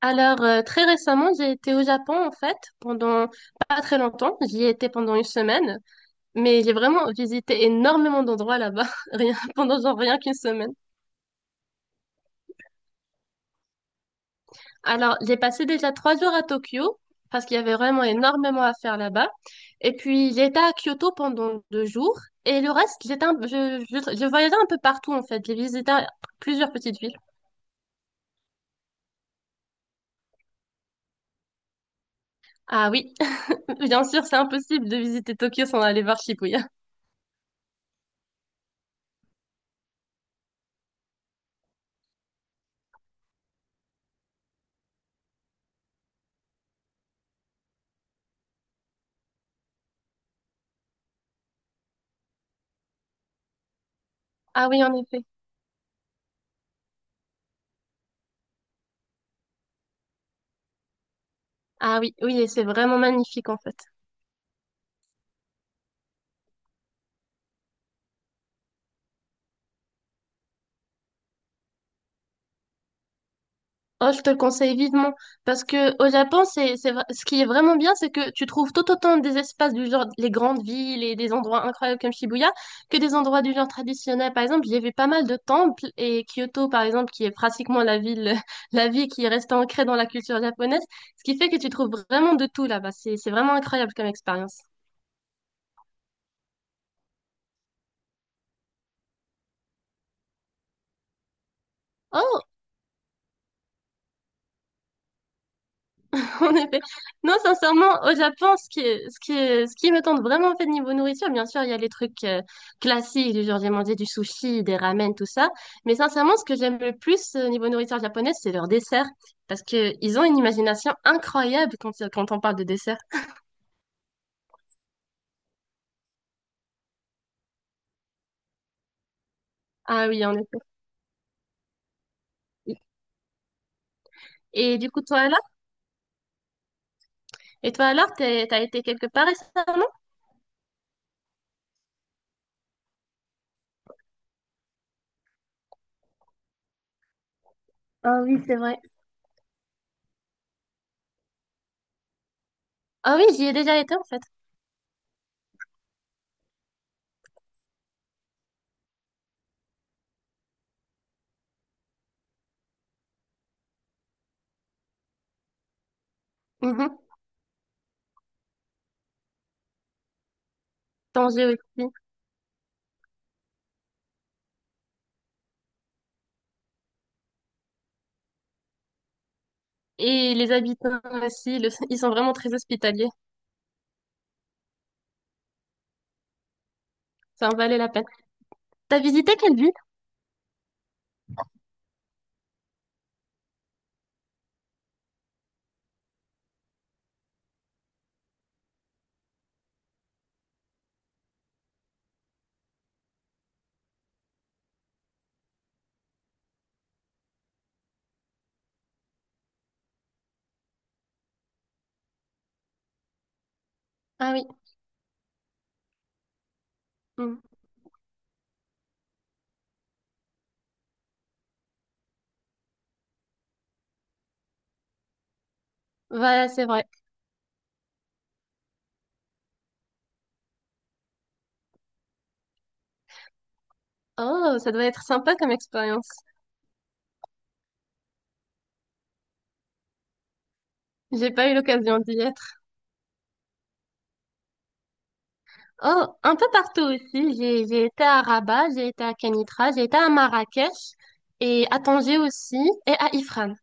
Alors, très récemment, j'ai été au Japon, en fait, pendant pas très longtemps. J'y étais pendant une semaine, mais j'ai vraiment visité énormément d'endroits là-bas, rien, pendant genre rien qu'une semaine. Alors, j'ai passé déjà 3 jours à Tokyo, parce qu'il y avait vraiment énormément à faire là-bas. Et puis, j'étais à Kyoto pendant 2 jours, et le reste, j'étais un- je voyageais un peu partout, en fait. J'ai visité plusieurs petites villes. Ah oui, bien sûr, c'est impossible de visiter Tokyo sans aller voir Shibuya. Ah oui, en effet. Ah oui, oui, et c'est vraiment magnifique en fait. Oh, je te le conseille vivement parce que au Japon, c'est, ce qui est vraiment bien, c'est que tu trouves tout autant des espaces du genre les grandes villes et des endroits incroyables comme Shibuya que des endroits du genre traditionnel. Par exemple, j'ai vu pas mal de temples et Kyoto, par exemple, qui est pratiquement la ville, la ville qui reste ancrée dans la culture japonaise, ce qui fait que tu trouves vraiment de tout là-bas. C'est vraiment incroyable comme expérience. Oh, en effet. Non, sincèrement, au Japon, ce qui me tente vraiment, en fait, niveau nourriture, bien sûr, il y a les trucs classiques, du genre, j'ai mangé du sushi, des ramen, tout ça. Mais sincèrement, ce que j'aime le plus niveau nourriture japonaise, c'est leurs desserts. Parce que ils ont une imagination incroyable quand on parle de dessert. Ah oui, en effet. Et du coup, toi, alors? Et toi, alors, t'as été quelque part récemment? Ah oui, c'est vrai. Ah oui, j'y ai déjà été, en fait. Mhm. Tanger aussi. Et les habitants aussi, ils sont vraiment très hospitaliers. Ça en valait la peine. T'as visité quelle ville? Ah oui, hmm. Voilà, c'est vrai. Oh, ça doit être sympa comme expérience. J'ai pas eu l'occasion d'y être. Oh, un peu partout aussi. J'ai été à Rabat, j'ai été à Kenitra, j'ai été à Marrakech et à Tanger aussi et à Ifrane.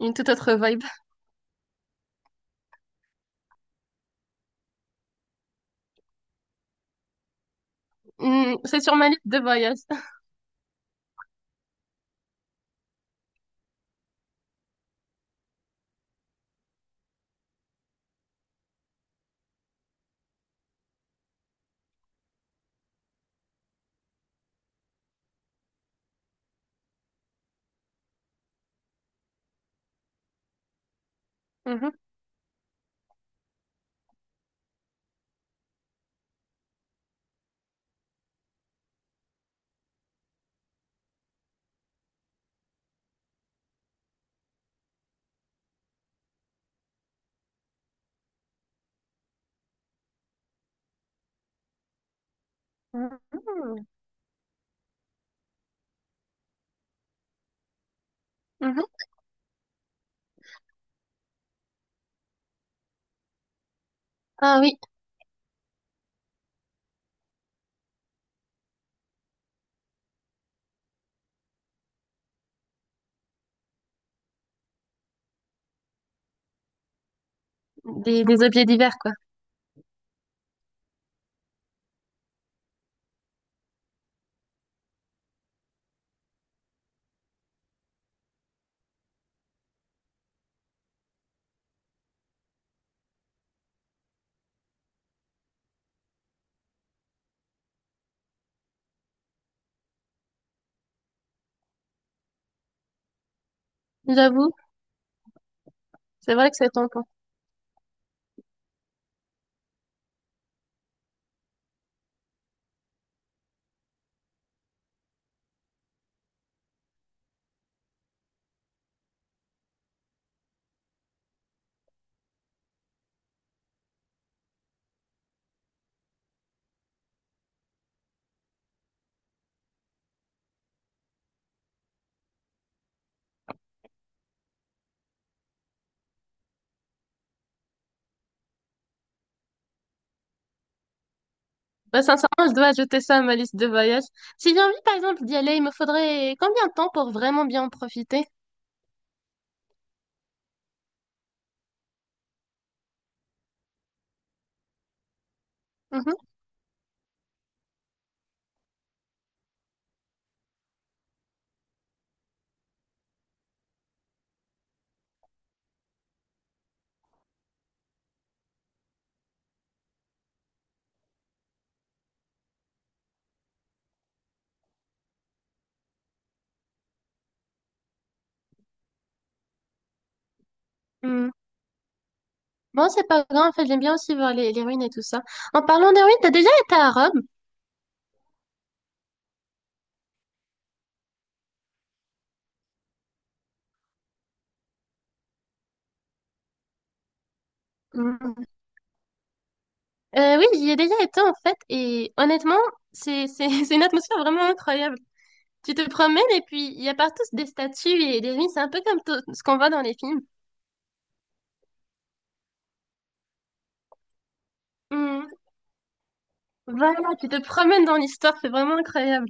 Une toute autre vibe. Hmm, c'est sur ma liste de voyages. Mhm, mhm. Mhm. Ah oui, des objets divers quoi. J'avoue, c'est vrai que c'est tentant. Bah, sincèrement, je dois ajouter ça à ma liste de voyage. Si j'ai envie, par exemple, d'y aller, il me faudrait combien de temps pour vraiment bien en profiter? Mhm. Mm. Bon, c'est pas grave, en fait, j'aime bien aussi voir les ruines et tout ça. En parlant des ruines, t'as déjà été à Rome? Mm. Oui, j'y ai déjà été, en fait, et honnêtement, c'est une atmosphère vraiment incroyable. Tu te promènes et puis il y a partout des statues et des ruines, c'est un peu comme ce qu'on voit dans les films. Mm. Voilà, tu te promènes dans l'histoire, c'est vraiment incroyable.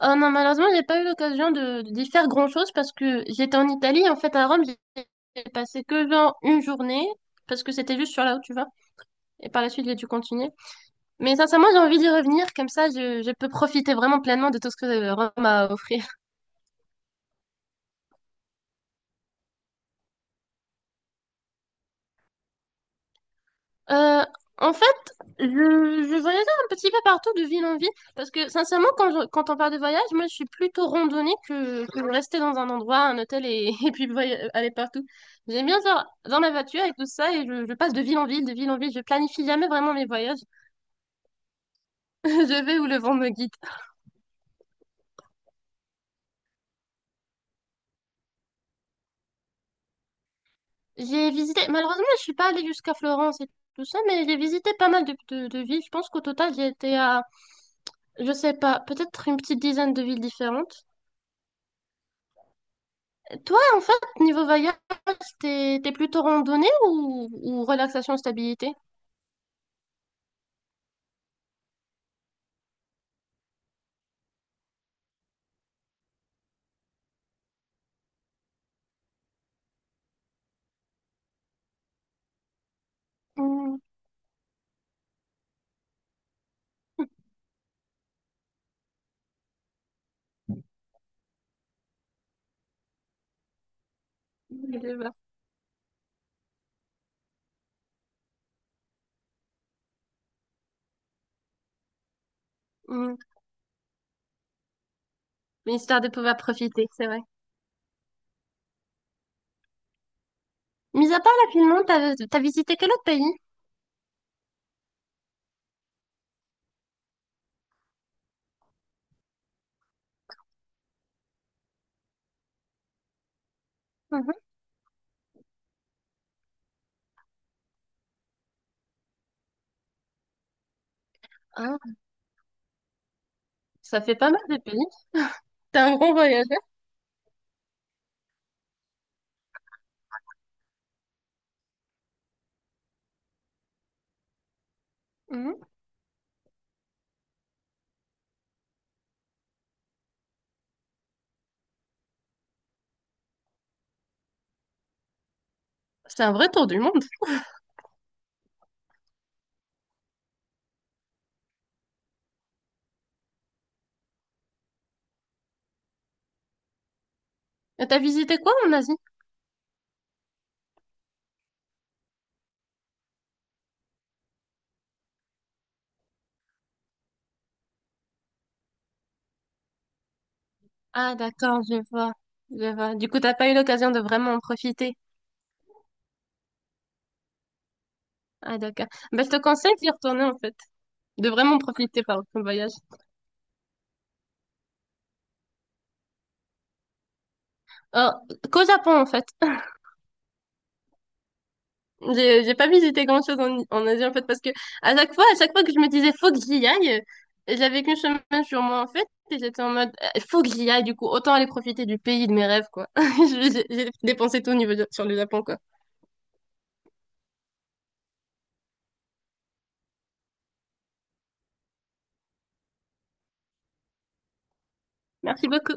Oh non, malheureusement, j'ai pas eu l'occasion de d'y faire grand-chose parce que j'étais en Italie. En fait, à Rome, j'ai passé que genre une journée parce que c'était juste sur là où tu vas. Et par la suite, j'ai dû continuer. Mais sincèrement, j'ai envie d'y revenir. Comme ça, je peux profiter vraiment pleinement de tout ce que Rome m'a offert. Euh, En fait, je voyageais un petit peu partout de ville en ville parce que sincèrement, quand on parle de voyage, moi je suis plutôt randonnée que de rester dans un endroit, un hôtel et, et puis aller partout. J'aime bien faire dans ma voiture et tout ça et je passe de ville en ville, de ville en ville. Je planifie jamais vraiment mes voyages. Je vais où le vent me guide. J'ai visité, malheureusement, je suis pas allée jusqu'à Florence et tout ça, mais j'ai visité pas mal de villes. Je pense qu'au total, j'ai été à, je sais pas, peut-être une petite dizaine de villes différentes. Toi, en fait, niveau voyage, T'es plutôt randonnée ou relaxation, stabilité? Mm, les deux, bah. Mm. Mais histoire de pouvoir profiter, c'est vrai. Mis à part la Finlande, t'as visité quel autre pays? Mhm. Ah, ça fait pas mal de pays. T'es un grand voyageur. Mhm. C'est un vrai tour du monde. Et t'as visité quoi en Asie? Ah, d'accord, je vois. Je vois. Du coup, t'as pas eu l'occasion de vraiment en profiter. Ah, d'accord. Bah, je te conseille d'y retourner, en fait. De vraiment profiter, par ton voyage. Euh, qu'au Japon, en fait. J'ai pas visité grand-chose en Asie en fait parce que à chaque fois que je me disais faut que j'y aille, j'avais qu'une semaine sur moi en fait et j'étais en mode faut que j'y aille du coup autant aller profiter du pays de mes rêves quoi. J'ai dépensé tout au niveau sur le Japon quoi. Merci beaucoup.